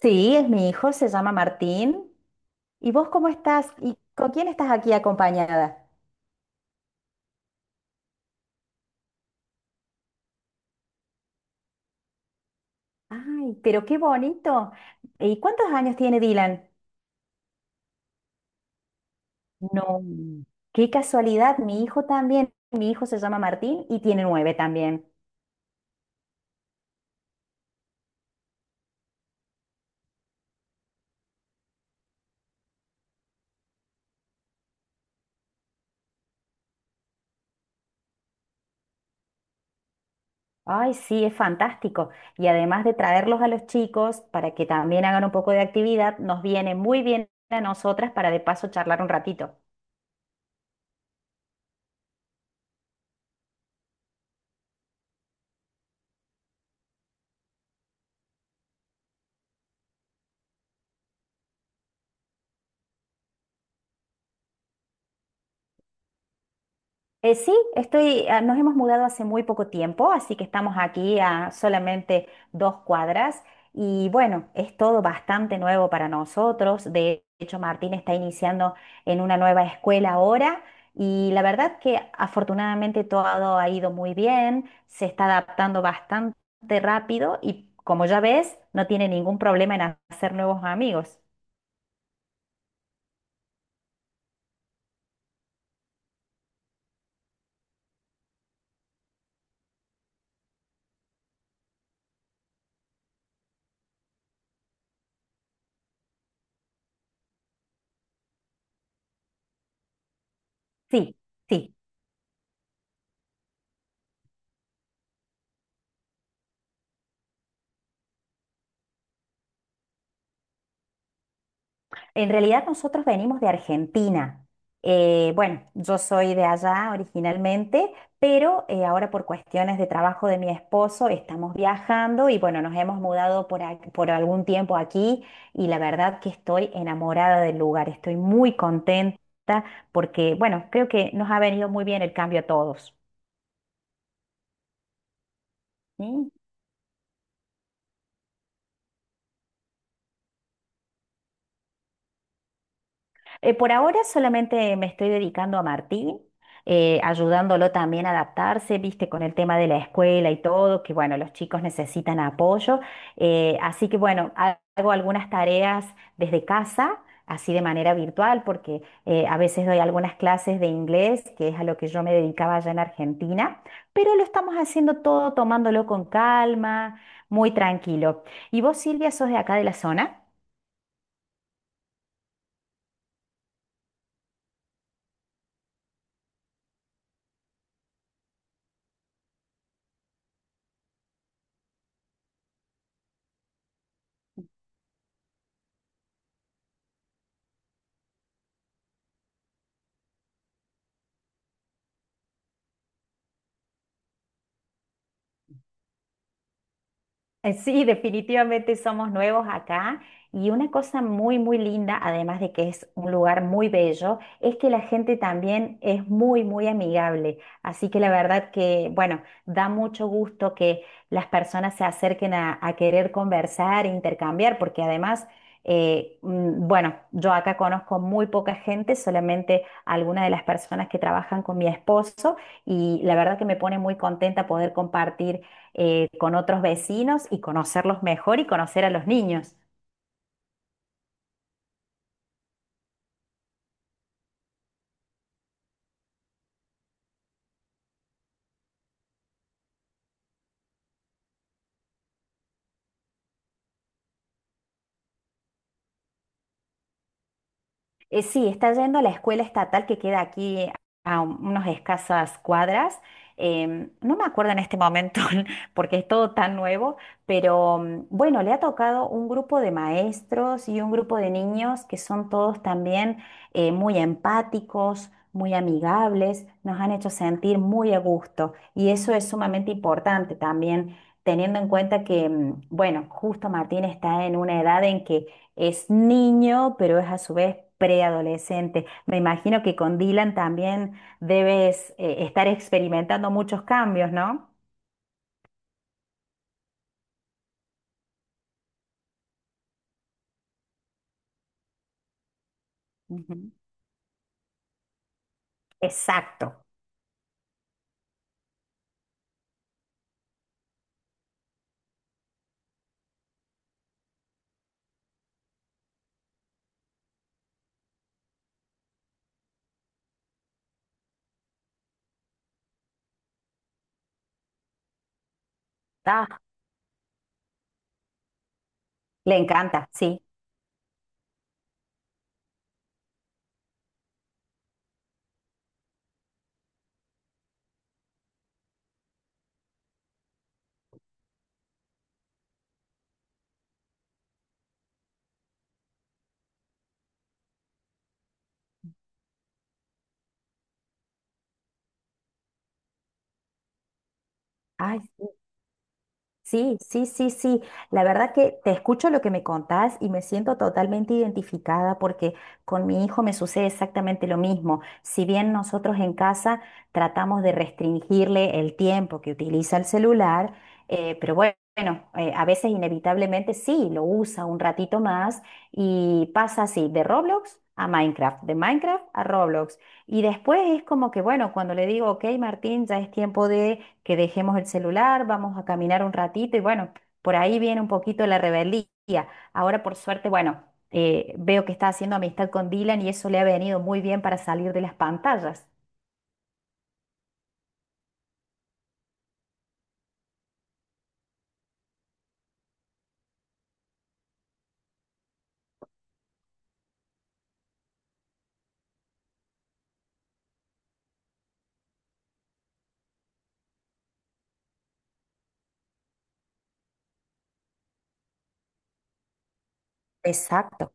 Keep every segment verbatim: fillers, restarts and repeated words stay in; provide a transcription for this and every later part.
Sí, es mi hijo, se llama Martín. ¿Y vos cómo estás? ¿Y con quién estás aquí acompañada? Ay, pero qué bonito. ¿Y cuántos años tiene Dylan? No, qué casualidad, mi hijo también. Mi hijo se llama Martín y tiene nueve también. Ay, sí, es fantástico. Y además de traerlos a los chicos para que también hagan un poco de actividad, nos viene muy bien a nosotras para de paso charlar un ratito. Eh, sí, estoy, ah, nos hemos mudado hace muy poco tiempo, así que estamos aquí a solamente dos cuadras y bueno, es todo bastante nuevo para nosotros. De hecho, Martín está iniciando en una nueva escuela ahora y la verdad que afortunadamente todo ha ido muy bien, se está adaptando bastante rápido y como ya ves, no tiene ningún problema en hacer nuevos amigos. Sí, sí. En realidad nosotros venimos de Argentina. Eh, bueno, yo soy de allá originalmente, pero eh, ahora por cuestiones de trabajo de mi esposo estamos viajando y bueno, nos hemos mudado por, ac- por algún tiempo aquí y la verdad que estoy enamorada del lugar, estoy muy contenta porque bueno, creo que nos ha venido muy bien el cambio a todos. ¿Sí? Eh, por ahora solamente me estoy dedicando a Martín, eh, ayudándolo también a adaptarse, viste, con el tema de la escuela y todo, que bueno, los chicos necesitan apoyo. Eh, así que bueno, ha- hago algunas tareas desde casa, así de manera virtual, porque eh, a veces doy algunas clases de inglés, que es a lo que yo me dedicaba allá en Argentina, pero lo estamos haciendo todo tomándolo con calma, muy tranquilo. ¿Y vos, Silvia, sos de acá de la zona? Eh, Sí, definitivamente somos nuevos acá y una cosa muy, muy linda, además de que es un lugar muy bello, es que la gente también es muy, muy amigable. Así que la verdad que, bueno, da mucho gusto que las personas se acerquen a, a querer conversar, intercambiar, porque además, eh, mm, bueno, yo acá conozco muy poca gente, solamente algunas de las personas que trabajan con mi esposo y la verdad que me pone muy contenta poder compartir eh, con otros vecinos y conocerlos mejor y conocer a los niños. Eh, sí, está yendo a la escuela estatal que queda aquí a un- unas escasas cuadras. Em, no me acuerdo en este momento porque es todo tan nuevo, pero mm, bueno, le ha tocado un grupo de maestros y un grupo de niños que son todos también eh, muy empáticos, muy amigables, nos han hecho sentir muy a gusto y eso es sumamente importante también. Teniendo en cuenta que, mm, bueno, justo Martín está en una edad en que es niño, pero es a su vez preadolescente. Me imagino que con Dylan también debes eh, estar experimentando muchos cambios, ¿no? Ujú. Exacto. Ah, le encanta, sí. Ay, sí. Sí, sí, sí, sí. La verdad que te escucho lo que me contás y me siento totalmente identificada porque con mi hijo me sucede exactamente lo mismo. Si bien nosotros en casa tratamos de restringirle el tiempo que utiliza el celular, eh, pero bue- bueno, eh, a veces inevitablemente sí, lo usa un ratito más y pasa así, de Roblox a Minecraft, de Minecraft a Roblox. Y después es como que, bueno, cuando le digo, ok, Martín, ya es tiempo de que dejemos el celular, vamos a caminar un ratito y bueno, por ahí viene un poquito la rebeldía. Ahora por suerte, bueno, eh, veo que está haciendo amistad con Dylan y eso le ha venido muy bien para salir de las pantallas. Exacto.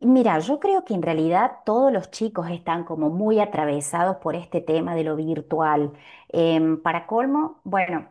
Mira, yo creo que en realidad todos los chicos están como muy atravesados por este tema de lo virtual. Em, para colmo, bueno,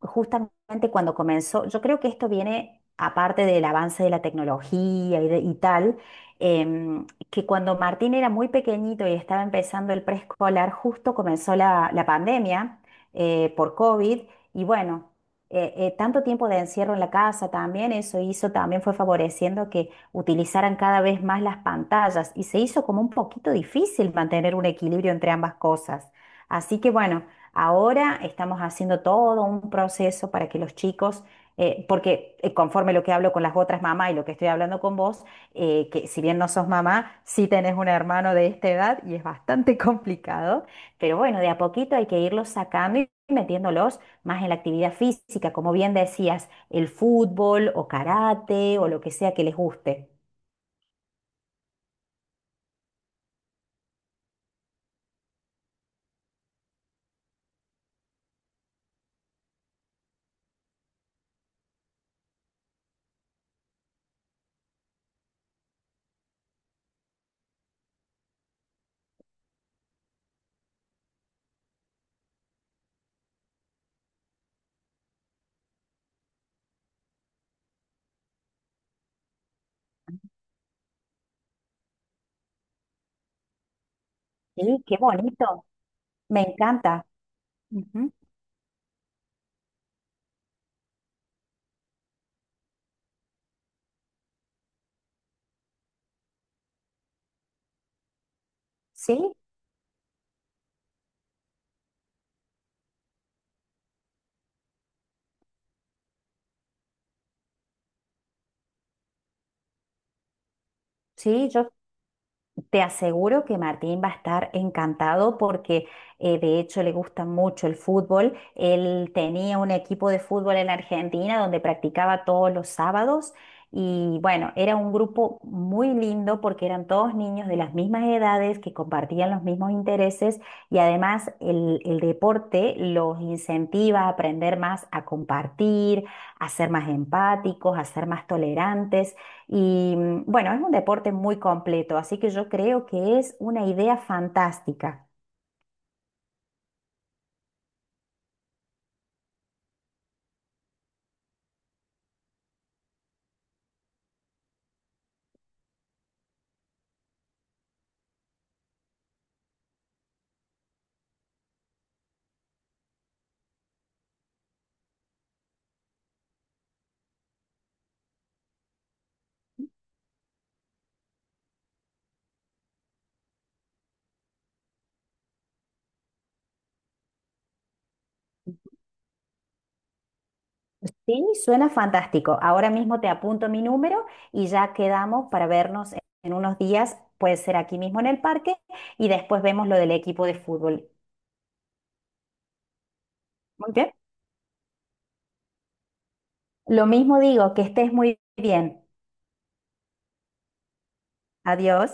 justamente cuando comenzó, yo creo que esto viene aparte del avance de la tecnología y, de- y tal, em, que cuando Martín era muy pequeñito y estaba empezando el preescolar, justo comenzó la, la pandemia eh, por COVID y bueno. Eh, eh, tanto tiempo de encierro en la casa también, eso hizo, también fue favoreciendo que utilizaran cada vez más las pantallas y se hizo como un poquito difícil mantener un equilibrio entre ambas cosas. Así que bueno, ahora estamos haciendo todo un proceso para que los chicos, eh, porque eh, conforme lo que hablo con las otras mamás y lo que estoy hablando con vos, eh, que si bien no sos mamá, sí tenés un hermano de esta edad y es bastante complicado, pero bueno, de a poquito hay que irlos sacando y metiéndolos más en la actividad física, como bien decías, el fútbol o karate o lo que sea que les guste. Sí, qué bonito, me encanta. Ujú. Sí, sí, yo te aseguro que Martín va a estar encantado porque eh, de hecho le gusta mucho el fútbol. Él tenía un equipo de fútbol en Argentina donde practicaba todos los sábados y bueno, era un grupo muy lindo porque eran todos niños de las mismas edades que compartían los mismos intereses y además el, el deporte los incentiva a aprender más a compartir, a ser más empáticos, a ser más tolerantes. Y mm, bueno, es un deporte muy completo, así que yo creo que es una idea fantástica. Sí, suena fantástico. Ahora mismo te apunto mi número y ya quedamos para vernos en en unos días. Puede ser aquí mismo en el parque y después vemos lo del equipo de fútbol. Muy bien. Lo mismo digo, que estés muy bien. Adiós.